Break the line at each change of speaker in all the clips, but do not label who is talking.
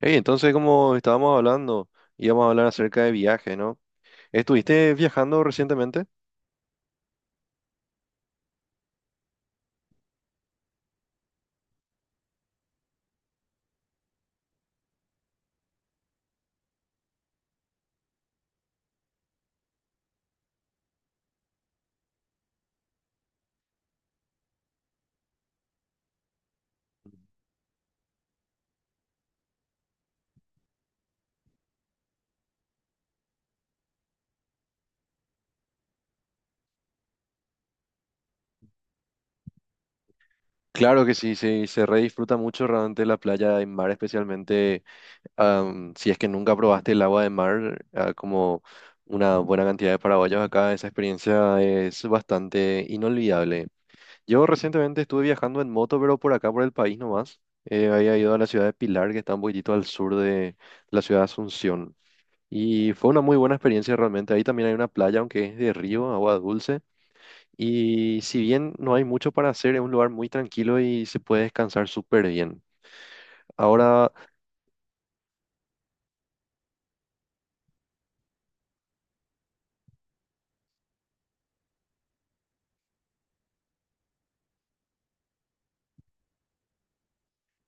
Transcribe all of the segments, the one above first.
Hey, entonces, como estábamos hablando, íbamos a hablar acerca de viaje, ¿no? ¿Estuviste viajando recientemente? Claro que sí, sí, se re disfruta mucho realmente la playa de mar, especialmente si es que nunca probaste el agua de mar, como una buena cantidad de paraguayos acá, esa experiencia es bastante inolvidable. Yo recientemente estuve viajando en moto, pero por acá, por el país nomás. Había ido a la ciudad de Pilar, que está un poquitito al sur de la ciudad de Asunción. Y fue una muy buena experiencia realmente. Ahí también hay una playa, aunque es de río, agua dulce. Y si bien no hay mucho para hacer, es un lugar muy tranquilo y se puede descansar súper bien. Ahora,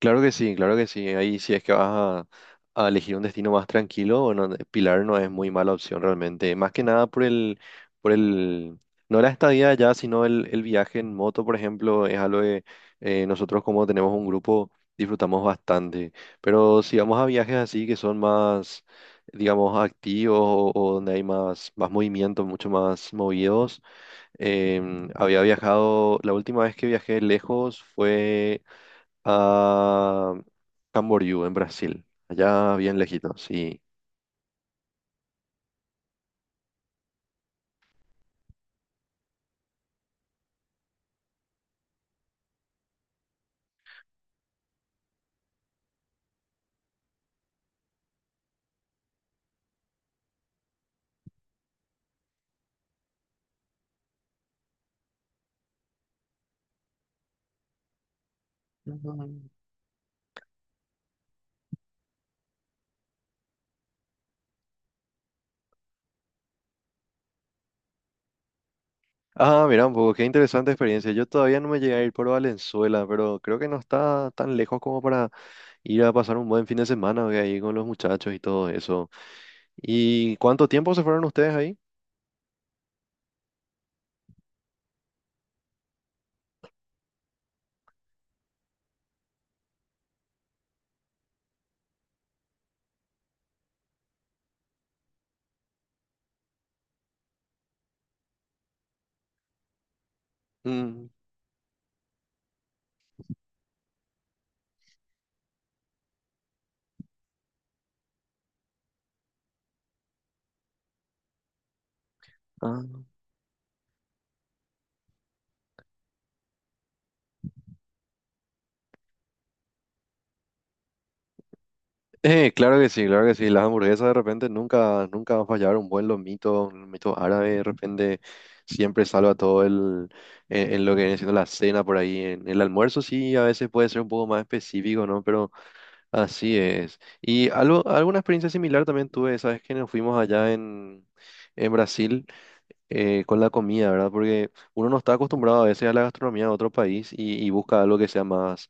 claro que sí, claro que sí. Ahí si es que vas a elegir un destino más tranquilo, bueno, Pilar no es muy mala opción realmente. Más que nada por el, no la estadía allá, sino el viaje en moto, por ejemplo, es algo que nosotros como tenemos un grupo disfrutamos bastante. Pero si vamos a viajes así que son más, digamos, activos o donde hay más, más movimiento, mucho más movidos, había viajado, la última vez que viajé lejos fue a Camboriú, en Brasil, allá bien lejito, sí. Ujú. Ah, mira un poco, qué interesante experiencia. Yo todavía no me llegué a ir por Valenzuela, pero creo que no está tan lejos como para ir a pasar un buen fin de semana, ¿ve? Ahí con los muchachos y todo eso. ¿Y cuánto tiempo se fueron ustedes ahí? Mm. Ah. Claro que sí, claro que sí. Las hamburguesas de repente nunca, nunca va a fallar. Un buen lomito, un lomito árabe de repente siempre salva todo en lo que viene siendo la cena por ahí. En el almuerzo sí, a veces puede ser un poco más específico, ¿no? Pero así es. Y algo, alguna experiencia similar también tuve, ¿sabes? Que nos fuimos allá en Brasil con la comida, ¿verdad? Porque uno no está acostumbrado a veces a la gastronomía de otro país y busca algo que sea más,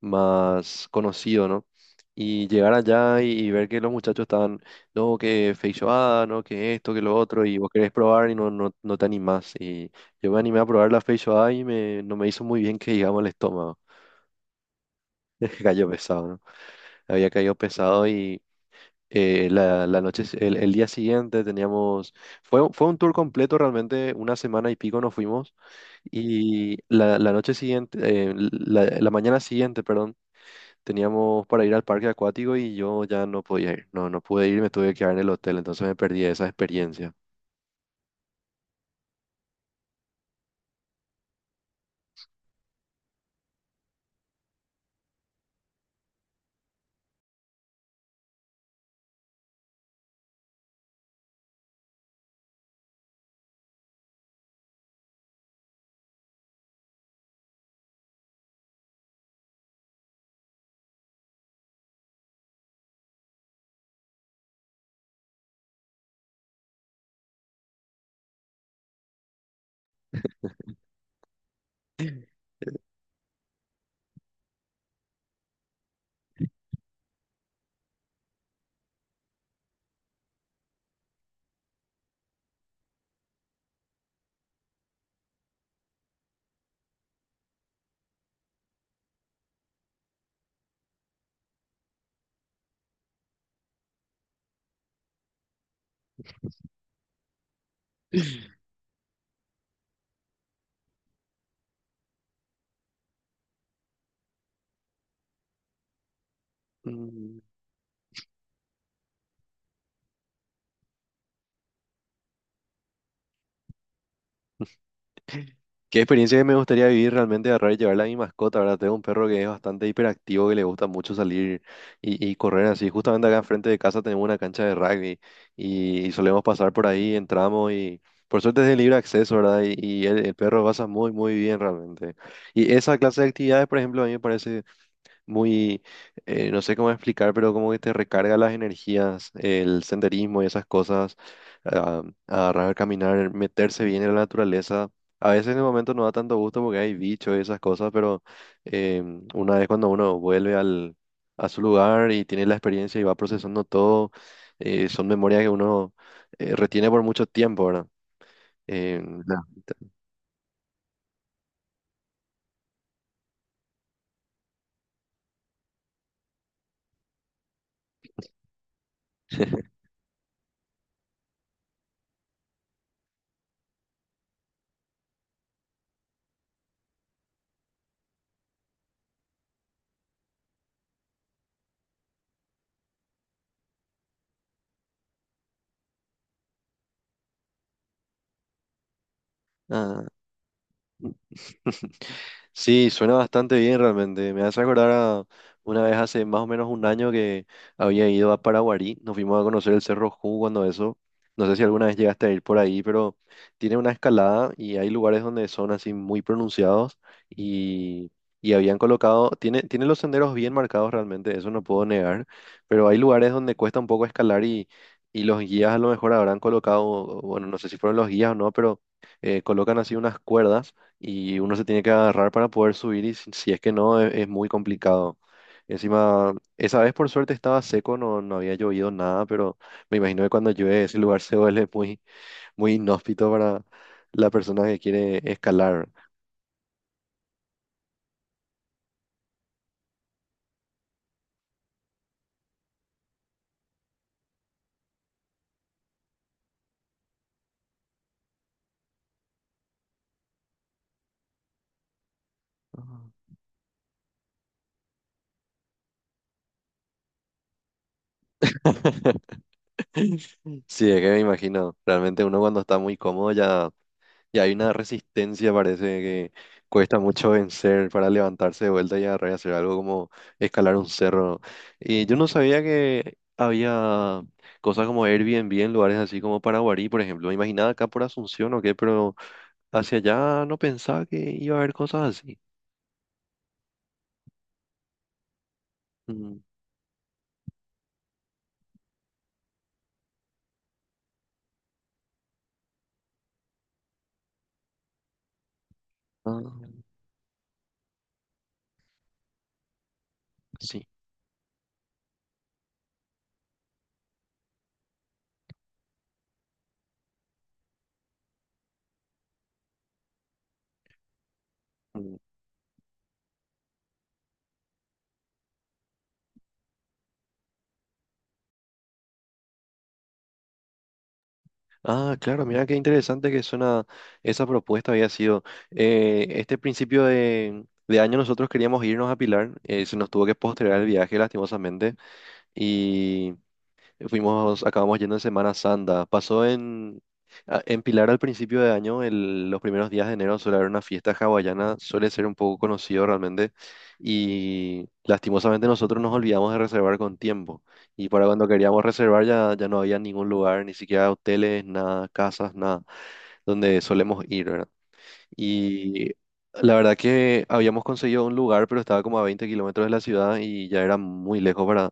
más conocido, ¿no? Y llegar allá y ver que los muchachos estaban, no, que feijoada, no, que esto, que lo otro, y vos querés probar y no, no, no te animás. Y yo me animé a probar la feijoada y no me hizo muy bien que digamos el estómago. Cayó pesado, ¿no? Había caído pesado y la noche, el día siguiente teníamos, fue un tour completo realmente, una semana y pico nos fuimos y la noche siguiente, la mañana siguiente, perdón, teníamos para ir al parque acuático y yo ya no podía ir, no, no pude ir, me tuve que quedar en el hotel, entonces me perdí esa experiencia. Mm. ¿Qué experiencia me gustaría vivir realmente de agarrar y llevarla a mi mascota? ¿Verdad? Tengo un perro que es bastante hiperactivo, que le gusta mucho salir y correr así. Justamente acá enfrente de casa tenemos una cancha de rugby y solemos pasar por ahí, entramos y por suerte es de libre acceso, ¿verdad? Y el perro pasa muy, muy bien realmente. Y esa clase de actividades, por ejemplo, a mí me parece muy, no sé cómo explicar, pero como que te recarga las energías, el senderismo y esas cosas, ah, agarrar, caminar, meterse bien en la naturaleza. A veces en el momento no da tanto gusto porque hay bichos y esas cosas, pero una vez cuando uno vuelve a su lugar y tiene la experiencia y va procesando todo, son memorias que uno retiene por mucho tiempo, ¿verdad? Em, ¿Verdad? Sí, suena bastante bien realmente. Me hace acordar a una vez hace más o menos un año que había ido a Paraguarí. Nos fuimos a conocer el Cerro Ju cuando eso. No sé si alguna vez llegaste a ir por ahí, pero tiene una escalada y hay lugares donde son así muy pronunciados y, y habían colocado, tiene, tiene los senderos bien marcados realmente, eso no puedo negar, pero hay lugares donde cuesta un poco escalar y los guías a lo mejor habrán colocado, bueno, no sé si fueron los guías o no, pero colocan así unas cuerdas y uno se tiene que agarrar para poder subir y si es que no, es, muy complicado. Encima, esa vez por suerte estaba seco, no, no había llovido nada, pero me imagino que cuando llueve ese lugar se vuelve muy, muy inhóspito para la persona que quiere escalar. Ujú. Sí, es que me imagino. Realmente uno cuando está muy cómodo ya, y hay una resistencia, parece que cuesta mucho vencer para levantarse de vuelta y agarrar y hacer algo como escalar un cerro, ¿no? Y yo no sabía que había cosas como Airbnb en lugares así como Paraguarí, por ejemplo. Me imaginaba acá por Asunción o qué, pero hacia allá no pensaba que iba a haber cosas así. Mm. Ah, sí. Mm. Ah, claro, mira qué interesante que suena esa propuesta había sido. Este principio de año nosotros queríamos irnos a Pilar, se nos tuvo que postergar el viaje lastimosamente. Fuimos, acabamos yendo en Semana Santa. Pasó en Pilar al principio de año, los primeros días de enero suele haber una fiesta hawaiana, suele ser un poco conocido realmente. Y lastimosamente nosotros nos olvidamos de reservar con tiempo. Y para cuando queríamos reservar ya, ya no había ningún lugar, ni siquiera hoteles, nada, casas, nada, donde solemos ir, ¿verdad? Y la verdad que habíamos conseguido un lugar, pero estaba como a 20 km de la ciudad y ya era muy lejos para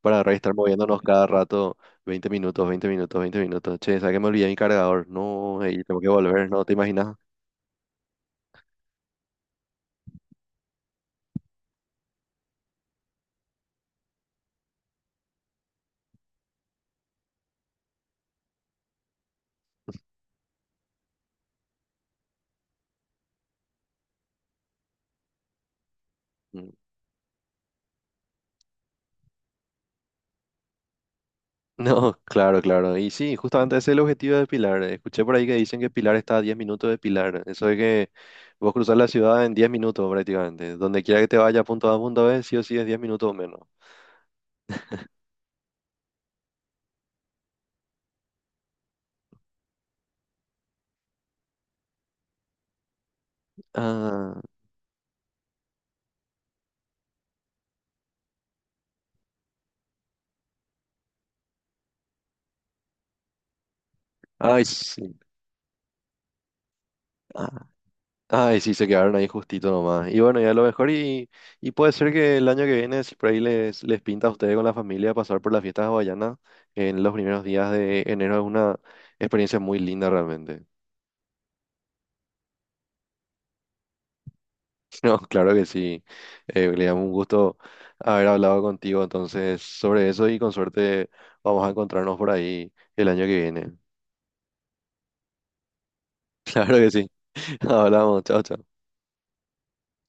para re- estar moviéndonos cada rato 20 minutos, 20 minutos, 20 minutos. Che, ¿sabes que me olvidé mi cargador? No, ey, tengo que volver, ¿no? ¿Te imaginas? Mm. No, claro, claro. Y sí, justamente ese es el objetivo de Pilar. Escuché por ahí que dicen que Pilar está a 10 minutos de Pilar. Eso de que vos cruzás la ciudad en 10 minutos prácticamente. Donde quiera que te vaya, punto A, punto B, sí o sí es 10 minutos o menos. Ah, ay, sí. Ah, ay, sí, se quedaron ahí justito nomás. Y bueno, ya a lo mejor y puede ser que el año que viene, si por ahí les pinta a ustedes con la familia pasar por las fiestas hawaianas en los primeros días de enero, es una experiencia muy linda realmente. No, claro que sí. Le damos un gusto haber hablado contigo entonces sobre eso y con suerte vamos a encontrarnos por ahí el año que viene. Claro que sí. Hablamos, chao, chao.